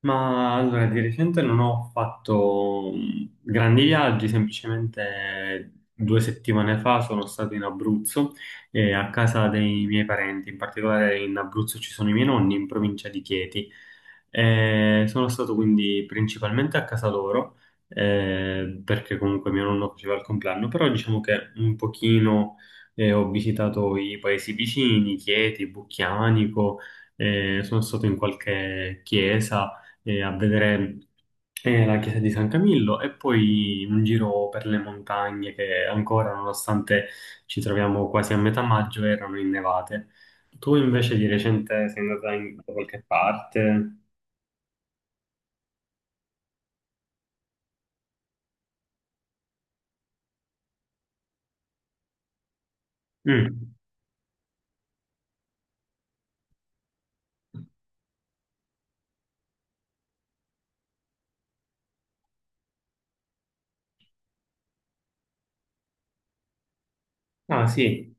Ma allora, di recente non ho fatto grandi viaggi, semplicemente 2 settimane fa sono stato in Abruzzo, a casa dei miei parenti, in particolare in Abruzzo ci sono i miei nonni, in provincia di Chieti. Sono stato quindi principalmente a casa loro, perché comunque mio nonno faceva il compleanno, però diciamo che un pochino, ho visitato i paesi vicini, Chieti, Bucchianico, sono stato in qualche chiesa e a vedere la chiesa di San Camillo e poi un giro per le montagne che ancora, nonostante ci troviamo quasi a metà maggio, erano innevate. Tu invece di recente sei andata da qualche parte? Mm. Ah sì,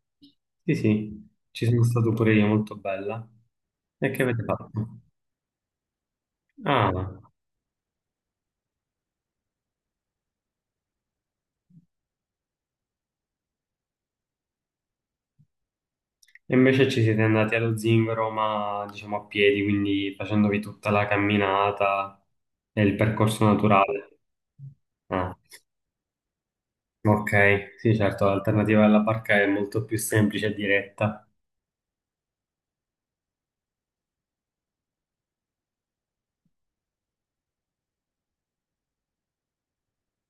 sì sì, ci sono stato pure io, molto bella. E che avete fatto? Ah, e invece ci siete andati allo Zingaro, ma diciamo a piedi, quindi facendovi tutta la camminata e il percorso naturale. Ah. Ok, sì, certo, l'alternativa alla barca è molto più semplice e diretta.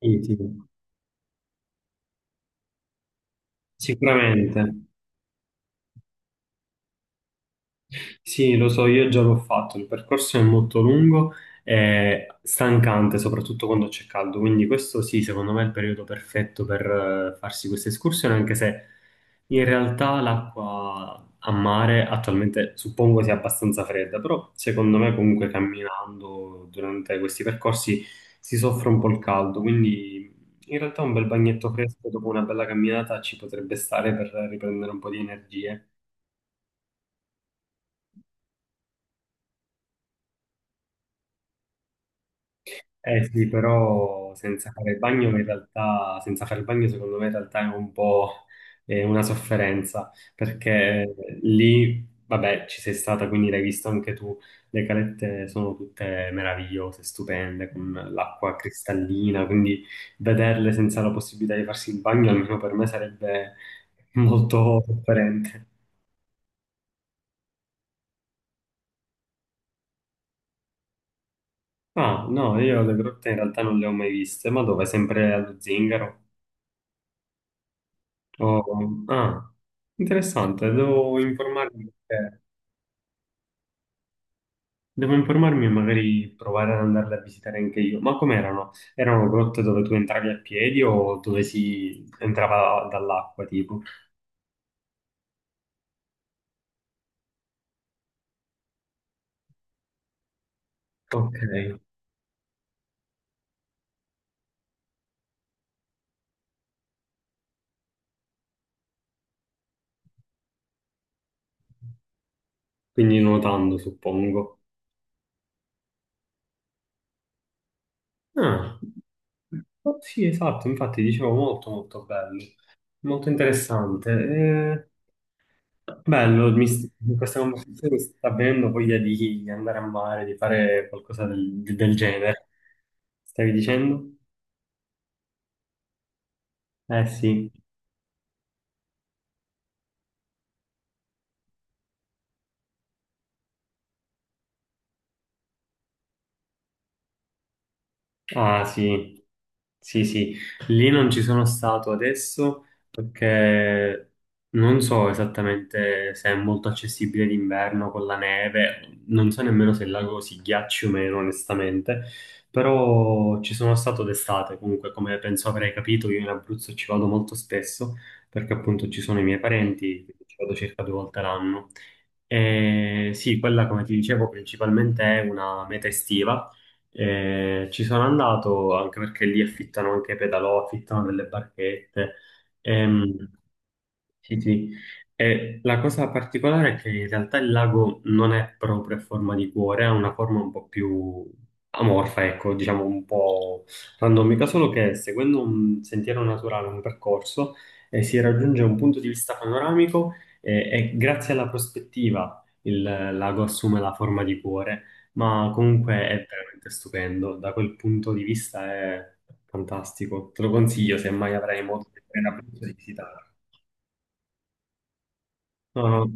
Sì, sì. Sicuramente. Sì, lo so, io già l'ho fatto, il percorso è molto lungo e stancante, soprattutto quando c'è caldo, quindi questo sì, secondo me è il periodo perfetto per farsi queste escursioni, anche se in realtà l'acqua a mare attualmente suppongo sia abbastanza fredda, però secondo me comunque camminando durante questi percorsi si soffre un po' il caldo, quindi in realtà un bel bagnetto fresco dopo una bella camminata ci potrebbe stare per riprendere un po' di energie. Eh sì, però senza fare il bagno in realtà, senza fare il bagno secondo me in realtà è un po' una sofferenza, perché lì, vabbè, ci sei stata, quindi l'hai visto anche tu, le calette sono tutte meravigliose, stupende, con l'acqua cristallina, quindi vederle senza la possibilità di farsi il bagno, almeno per me sarebbe molto sofferente. Ah, no, io le grotte in realtà non le ho mai viste, ma dove? Sempre allo Zingaro? Oh, ah, interessante, devo informarmi e magari provare ad andarle a visitare anche io. Ma com'erano? Erano grotte dove tu entravi a piedi o dove si entrava dall'acqua, tipo? Ok, quindi nuotando, suppongo. Ah, oh, sì, esatto, infatti dicevo molto molto bello, molto interessante. Bello, in questa conversazione mi sta avvenendo voglia di andare a mare, di fare qualcosa del genere. Stavi dicendo? Eh sì. Ah sì, sì, sì, lì non ci sono stato adesso perché non so esattamente se è molto accessibile d'inverno con la neve, non so nemmeno se il lago si ghiacci o meno, onestamente, però ci sono stato d'estate comunque, come penso avrei capito, io in Abruzzo ci vado molto spesso perché appunto ci sono i miei parenti, quindi ci vado circa 2 volte l'anno. E sì, quella come ti dicevo principalmente è una meta estiva, ci sono andato anche perché lì affittano anche pedalò, affittano delle barchette. Mm. Sì, sì. E la cosa particolare è che in realtà il lago non è proprio a forma di cuore, ha una forma un po' più amorfa, ecco, diciamo un po' randomica, solo che seguendo un sentiero naturale, un percorso, si raggiunge un punto di vista panoramico e grazie alla prospettiva il lago assume la forma di cuore, ma comunque è veramente stupendo, da quel punto di vista è fantastico. Te lo consiglio se mai avrai modo di visitare. No, no,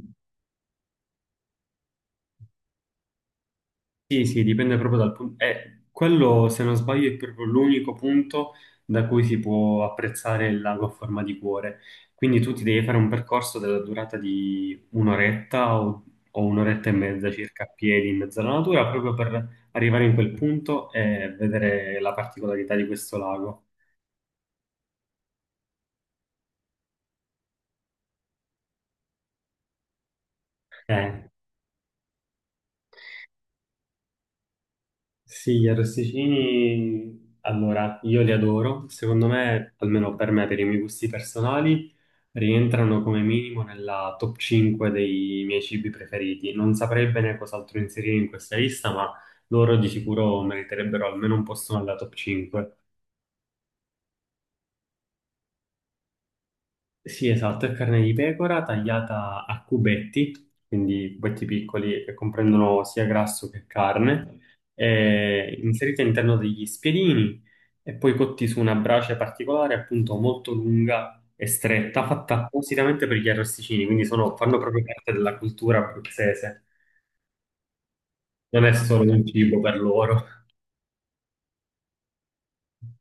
sì, sì, dipende proprio dal punto. Quello, se non sbaglio, è proprio l'unico punto da cui si può apprezzare il lago a forma di cuore. Quindi tu ti devi fare un percorso della durata di un'oretta o un'oretta e mezza circa a piedi in mezzo alla natura, proprio per arrivare in quel punto e vedere la particolarità di questo lago. Eh, Sì, gli arrosticini, allora, io li adoro. Secondo me, almeno per me, per i miei gusti personali, rientrano come minimo nella top 5 dei miei cibi preferiti. Non saprei bene cos'altro inserire in questa lista, ma loro di sicuro meriterebbero almeno un posto nella top 5. Sì, esatto, è carne di pecora tagliata a cubetti, quindi cubetti piccoli che comprendono sia grasso che carne, e inserita all'interno degli spiedini e poi cotti su una brace particolare, appunto molto lunga e stretta, fatta appositamente per gli arrosticini, quindi fanno proprio parte della cultura abruzzese, non è solo un cibo per loro.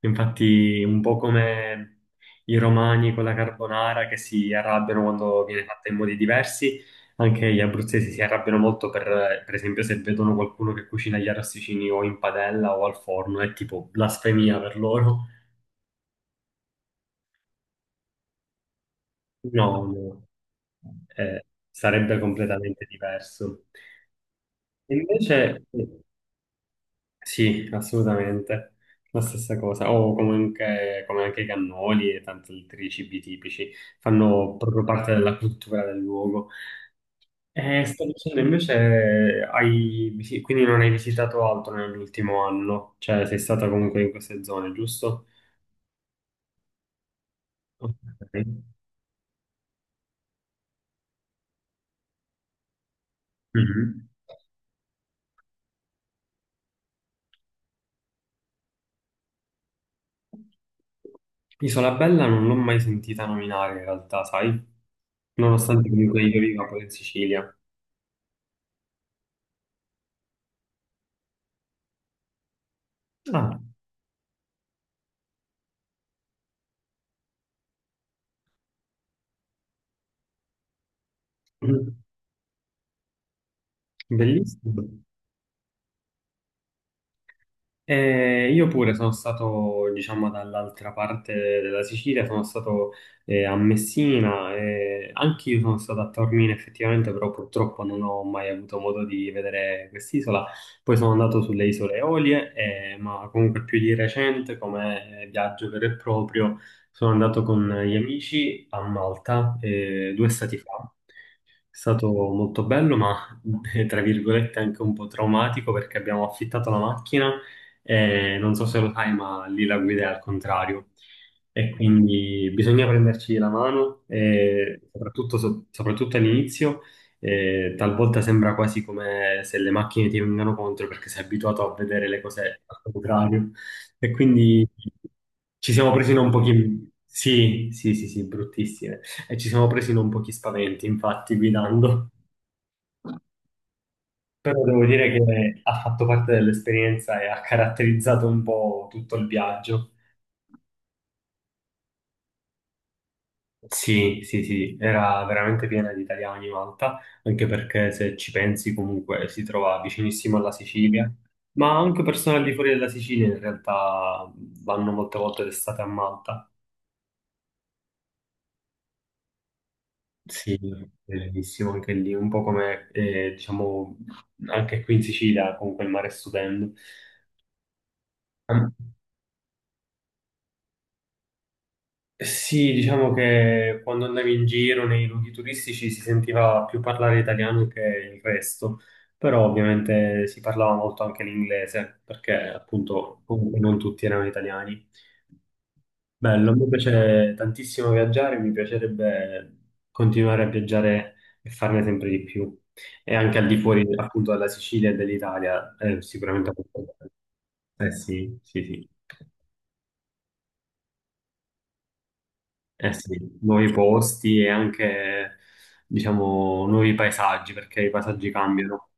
Infatti, un po' come i romani con la carbonara che si arrabbiano quando viene fatta in modi diversi, anche gli abruzzesi si arrabbiano molto per esempio, se vedono qualcuno che cucina gli arrosticini o in padella o al forno, è tipo blasfemia per loro. No, no, eh, sarebbe completamente diverso. E invece, sì, assolutamente. La stessa cosa. O comunque, come anche i cannoli e tanti altri cibi tipici, fanno proprio parte della cultura del luogo. E sto dicendo, invece, quindi non hai visitato altro nell'ultimo anno? Cioè, sei stata comunque in queste zone, giusto? Ok. Mhm. Isola Bella non l'ho mai sentita nominare in realtà, sai? Nonostante comunque io viva poi in Sicilia. Ah, mhm. Bellissimo. Io pure sono stato, diciamo, dall'altra parte della Sicilia, sono stato, a Messina, e anche io sono stato a Taormina effettivamente, però purtroppo non ho mai avuto modo di vedere quest'isola. Poi sono andato sulle Isole Eolie, ma comunque più di recente, come viaggio vero e proprio, sono andato con gli amici a Malta 2 stati fa. È stato molto bello, ma tra virgolette anche un po' traumatico perché abbiamo affittato la macchina e non so se lo sai, ma lì la guida è al contrario. E quindi bisogna prenderci la mano, e soprattutto, soprattutto all'inizio, talvolta sembra quasi come se le macchine ti vengano contro perché sei abituato a vedere le cose al contrario. E quindi ci siamo presi un pochino... Sì, sì, sì, sì, bruttissime e ci siamo presi non pochi spaventi, infatti, guidando. Però devo dire che ha fatto parte dell'esperienza e ha caratterizzato un po' tutto il viaggio. Sì, sì, sì, era veramente piena di italiani Malta, anche perché se ci pensi comunque si trova vicinissimo alla Sicilia, ma anche persone al di fuori della Sicilia in realtà vanno molte volte d'estate a Malta. Sì, è bellissimo anche lì, un po' come, diciamo, anche qui in Sicilia, comunque il mare è stupendo. Sì, diciamo che quando andavi in giro nei luoghi turistici si sentiva più parlare italiano che il resto, però ovviamente si parlava molto anche l'inglese, perché appunto comunque non tutti erano italiani. Bello, mi piace tantissimo viaggiare, mi piacerebbe continuare a viaggiare e farne sempre di più, e anche al di fuori appunto della Sicilia e dell'Italia, sicuramente. Eh sì, sì, sì. Eh sì, nuovi posti e anche, diciamo, nuovi paesaggi, perché i paesaggi cambiano.